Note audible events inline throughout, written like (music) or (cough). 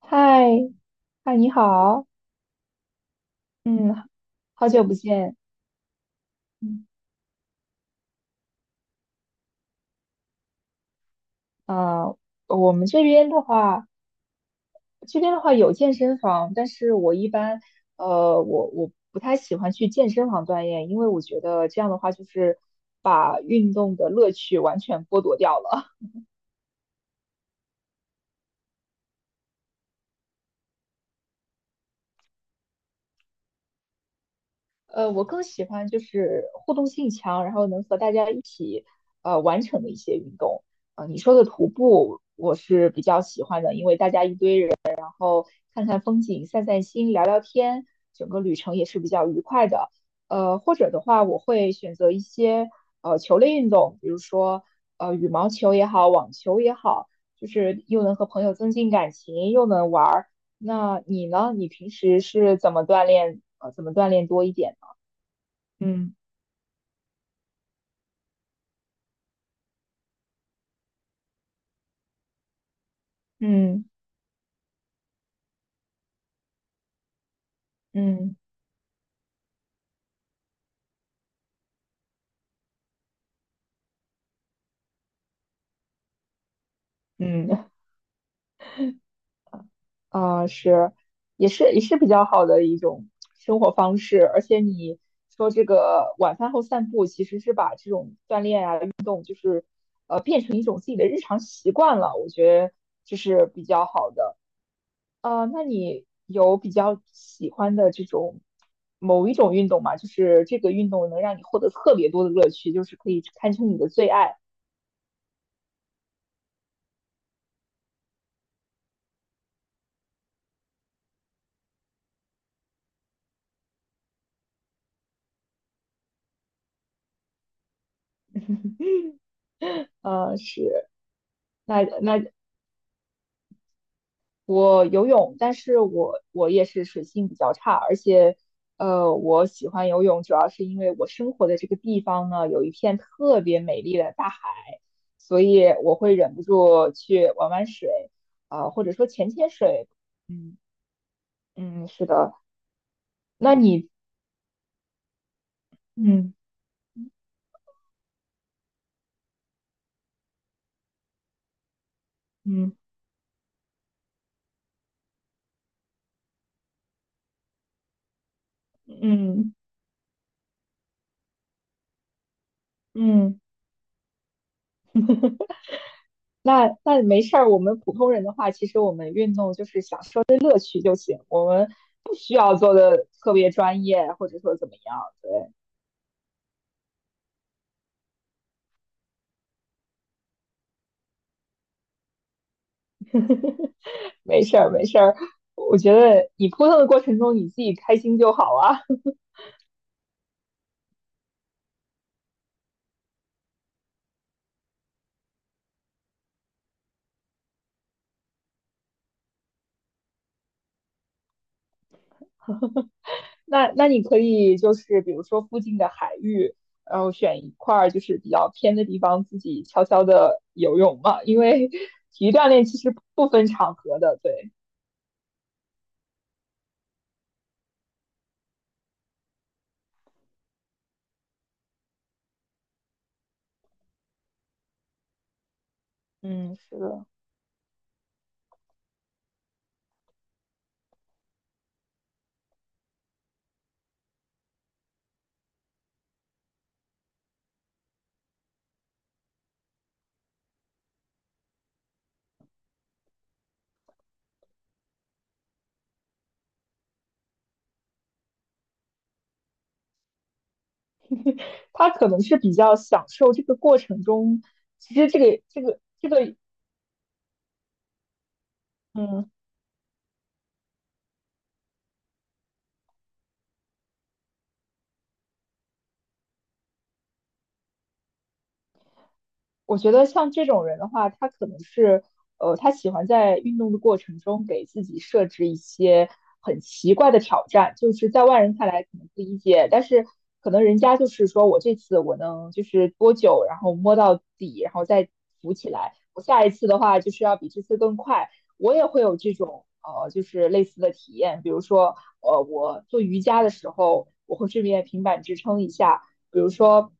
嗨，嗨，你好，嗯，好久不见。嗯，呃，我们这边的话，有健身房，但是我一般，我不太喜欢去健身房锻炼，因为我觉得这样的话就是把运动的乐趣完全剥夺掉了。我更喜欢就是互动性强，然后能和大家一起完成的一些运动。你说的徒步我是比较喜欢的，因为大家一堆人，然后看看风景、散散心、聊聊天，整个旅程也是比较愉快的。或者的话，我会选择一些球类运动，比如说羽毛球也好，网球也好，就是又能和朋友增进感情，又能玩儿。那你呢？你平时是怎么锻炼？怎么锻炼多一点呢？嗯嗯嗯嗯。啊，是，也是比较好的一种生活方式。而且你说这个晚饭后散步，其实是把这种锻炼啊，变成一种自己的日常习惯了，我觉得这是比较好的。那你有比较喜欢的这种某一种运动吗？就是这个运动能让你获得特别多的乐趣，就是可以堪称你的最爱。是。那我游泳，但是我也是水性比较差，而且，我喜欢游泳主要是因为我生活的这个地方呢有一片特别美丽的大海，所以我会忍不住去玩玩水，啊、或者说潜潜水。嗯。嗯，是的。那你，嗯嗯嗯嗯，那没事儿。我们普通人的话，其实我们运动就是享受乐趣就行，我们不需要做的特别专业，或者说怎么样。对。没事儿，没事儿。我觉得你扑腾的过程中，你自己开心就好啊。(laughs) 那你可以就是比如说附近的海域，然后选一块儿就是比较偏的地方，自己悄悄的游泳嘛。因为 (laughs) 体育锻炼其实不分场合的，对，嗯，是的。他可能是比较享受这个过程中，其实这个。嗯，我觉得像这种人的话，他可能是，他喜欢在运动的过程中给自己设置一些很奇怪的挑战，就是在外人看来可能不理解，但是可能人家就是说我这次我能就是多久，然后摸到底，然后再浮起来，我下一次的话就是要比这次更快。我也会有这种就是类似的体验，比如说，我做瑜伽的时候，我会顺便平板支撑一下。比如说，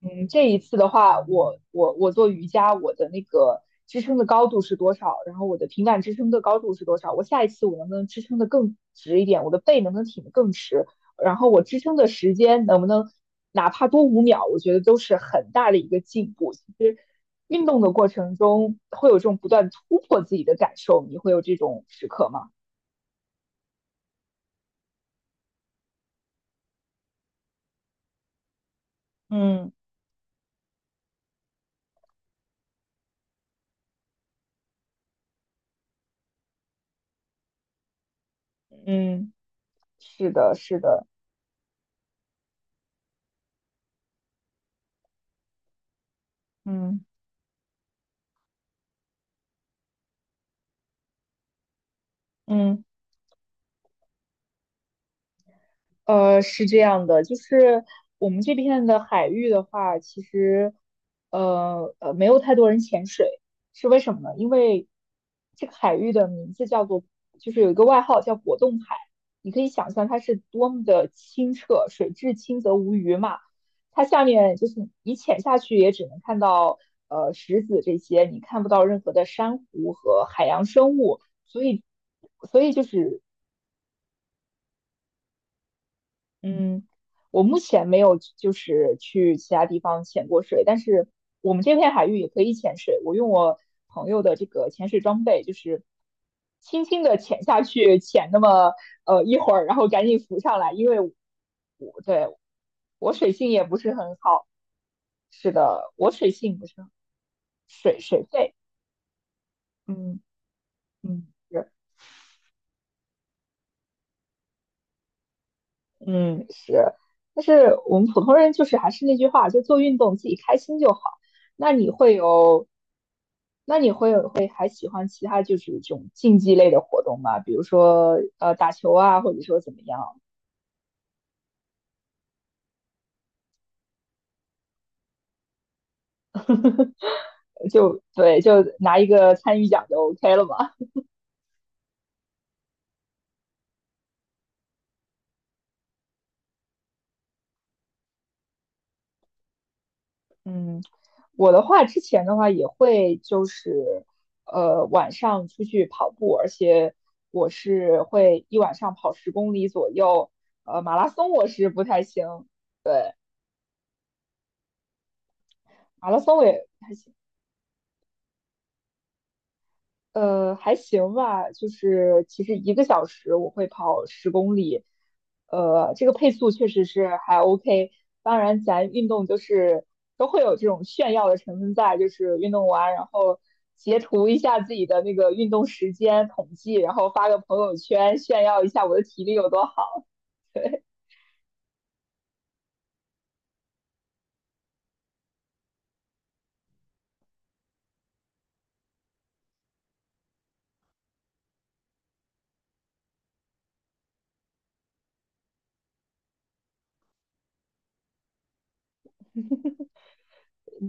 嗯，这一次的话，我做瑜伽，我的那个支撑的高度是多少？然后我的平板支撑的高度是多少？我下一次我能不能支撑的更直一点？我的背能不能挺得更直？然后我支撑的时间能不能哪怕多5秒？我觉得都是很大的一个进步。其实运动的过程中会有这种不断突破自己的感受，你会有这种时刻吗？嗯嗯，是的，是的，嗯嗯。是这样的，就是我们这片的海域的话，其实，没有太多人潜水，是为什么呢？因为这个海域的名字叫做，就是有一个外号叫果冻海，你可以想象它是多么的清澈，水至清则无鱼嘛。它下面就是你潜下去也只能看到石子这些，你看不到任何的珊瑚和海洋生物，所以就是嗯，我目前没有就是去其他地方潜过水，但是我们这片海域也可以潜水。我用我朋友的这个潜水装备，就是轻轻的潜下去，潜那么一会儿，然后赶紧浮上来，因为我对我水性也不是很好。是的，我水性不是很水水肺。嗯。嗯，是。嗯，是，但是我们普通人就是还是那句话，就做运动自己开心就好。那你会有，那你会有会还喜欢其他就是这种竞技类的活动吗？比如说打球啊，或者说怎么样？就对，就拿一个参与奖就 OK 了嘛。(laughs) 嗯，我的话之前的话也会就是晚上出去跑步，而且我是会一晚上跑十公里左右。马拉松我是不太行，马拉松我也还行，还行吧。就是其实1个小时我会跑十公里，这个配速确实是还 OK。当然，咱运动就是都会有这种炫耀的成分在，就是运动完然后截图一下自己的那个运动时间统计，然后发个朋友圈炫耀一下我的体力有多好。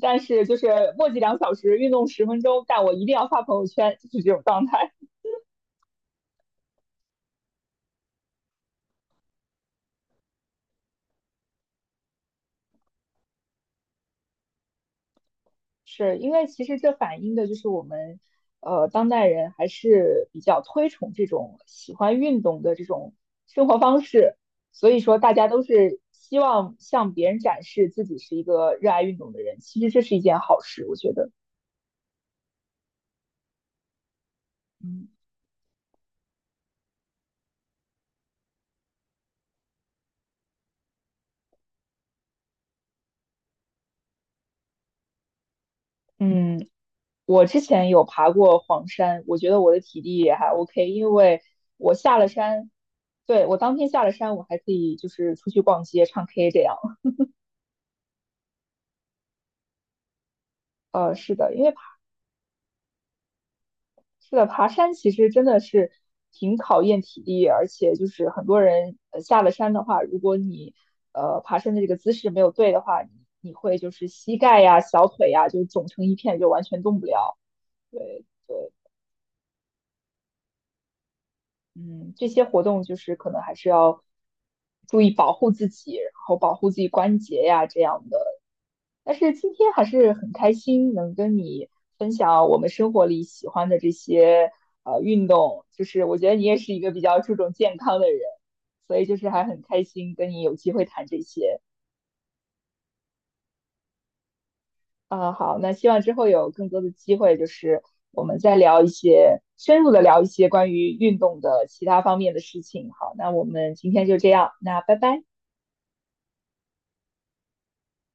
但是就是墨迹2小时，运动10分钟，但我一定要发朋友圈，就是这种状态。是因为其实这反映的就是我们，当代人还是比较推崇这种喜欢运动的这种生活方式，所以说大家都是希望向别人展示自己是一个热爱运动的人。其实这是一件好事，我觉得。嗯嗯，我之前有爬过黄山，我觉得我的体力也还 OK，因为我下了山，对，我当天下了山，我还可以就是出去逛街、唱 K 这样。是的，因为。是的，爬山其实真的是挺考验体力，而且就是很多人下了山的话，如果你爬山的这个姿势没有对的话，你会就是膝盖呀、小腿呀就肿成一片，就完全动不了。对对，嗯，这些活动就是可能还是要注意保护自己，然后保护自己关节呀这样的。但是今天还是很开心能跟你分享我们生活里喜欢的这些运动，就是我觉得你也是一个比较注重健康的人，所以就是还很开心跟你有机会谈这些。啊、好，那希望之后有更多的机会，就是我们再聊一些深入的聊一些关于运动的其他方面的事情。好，那我们今天就这样，那拜拜。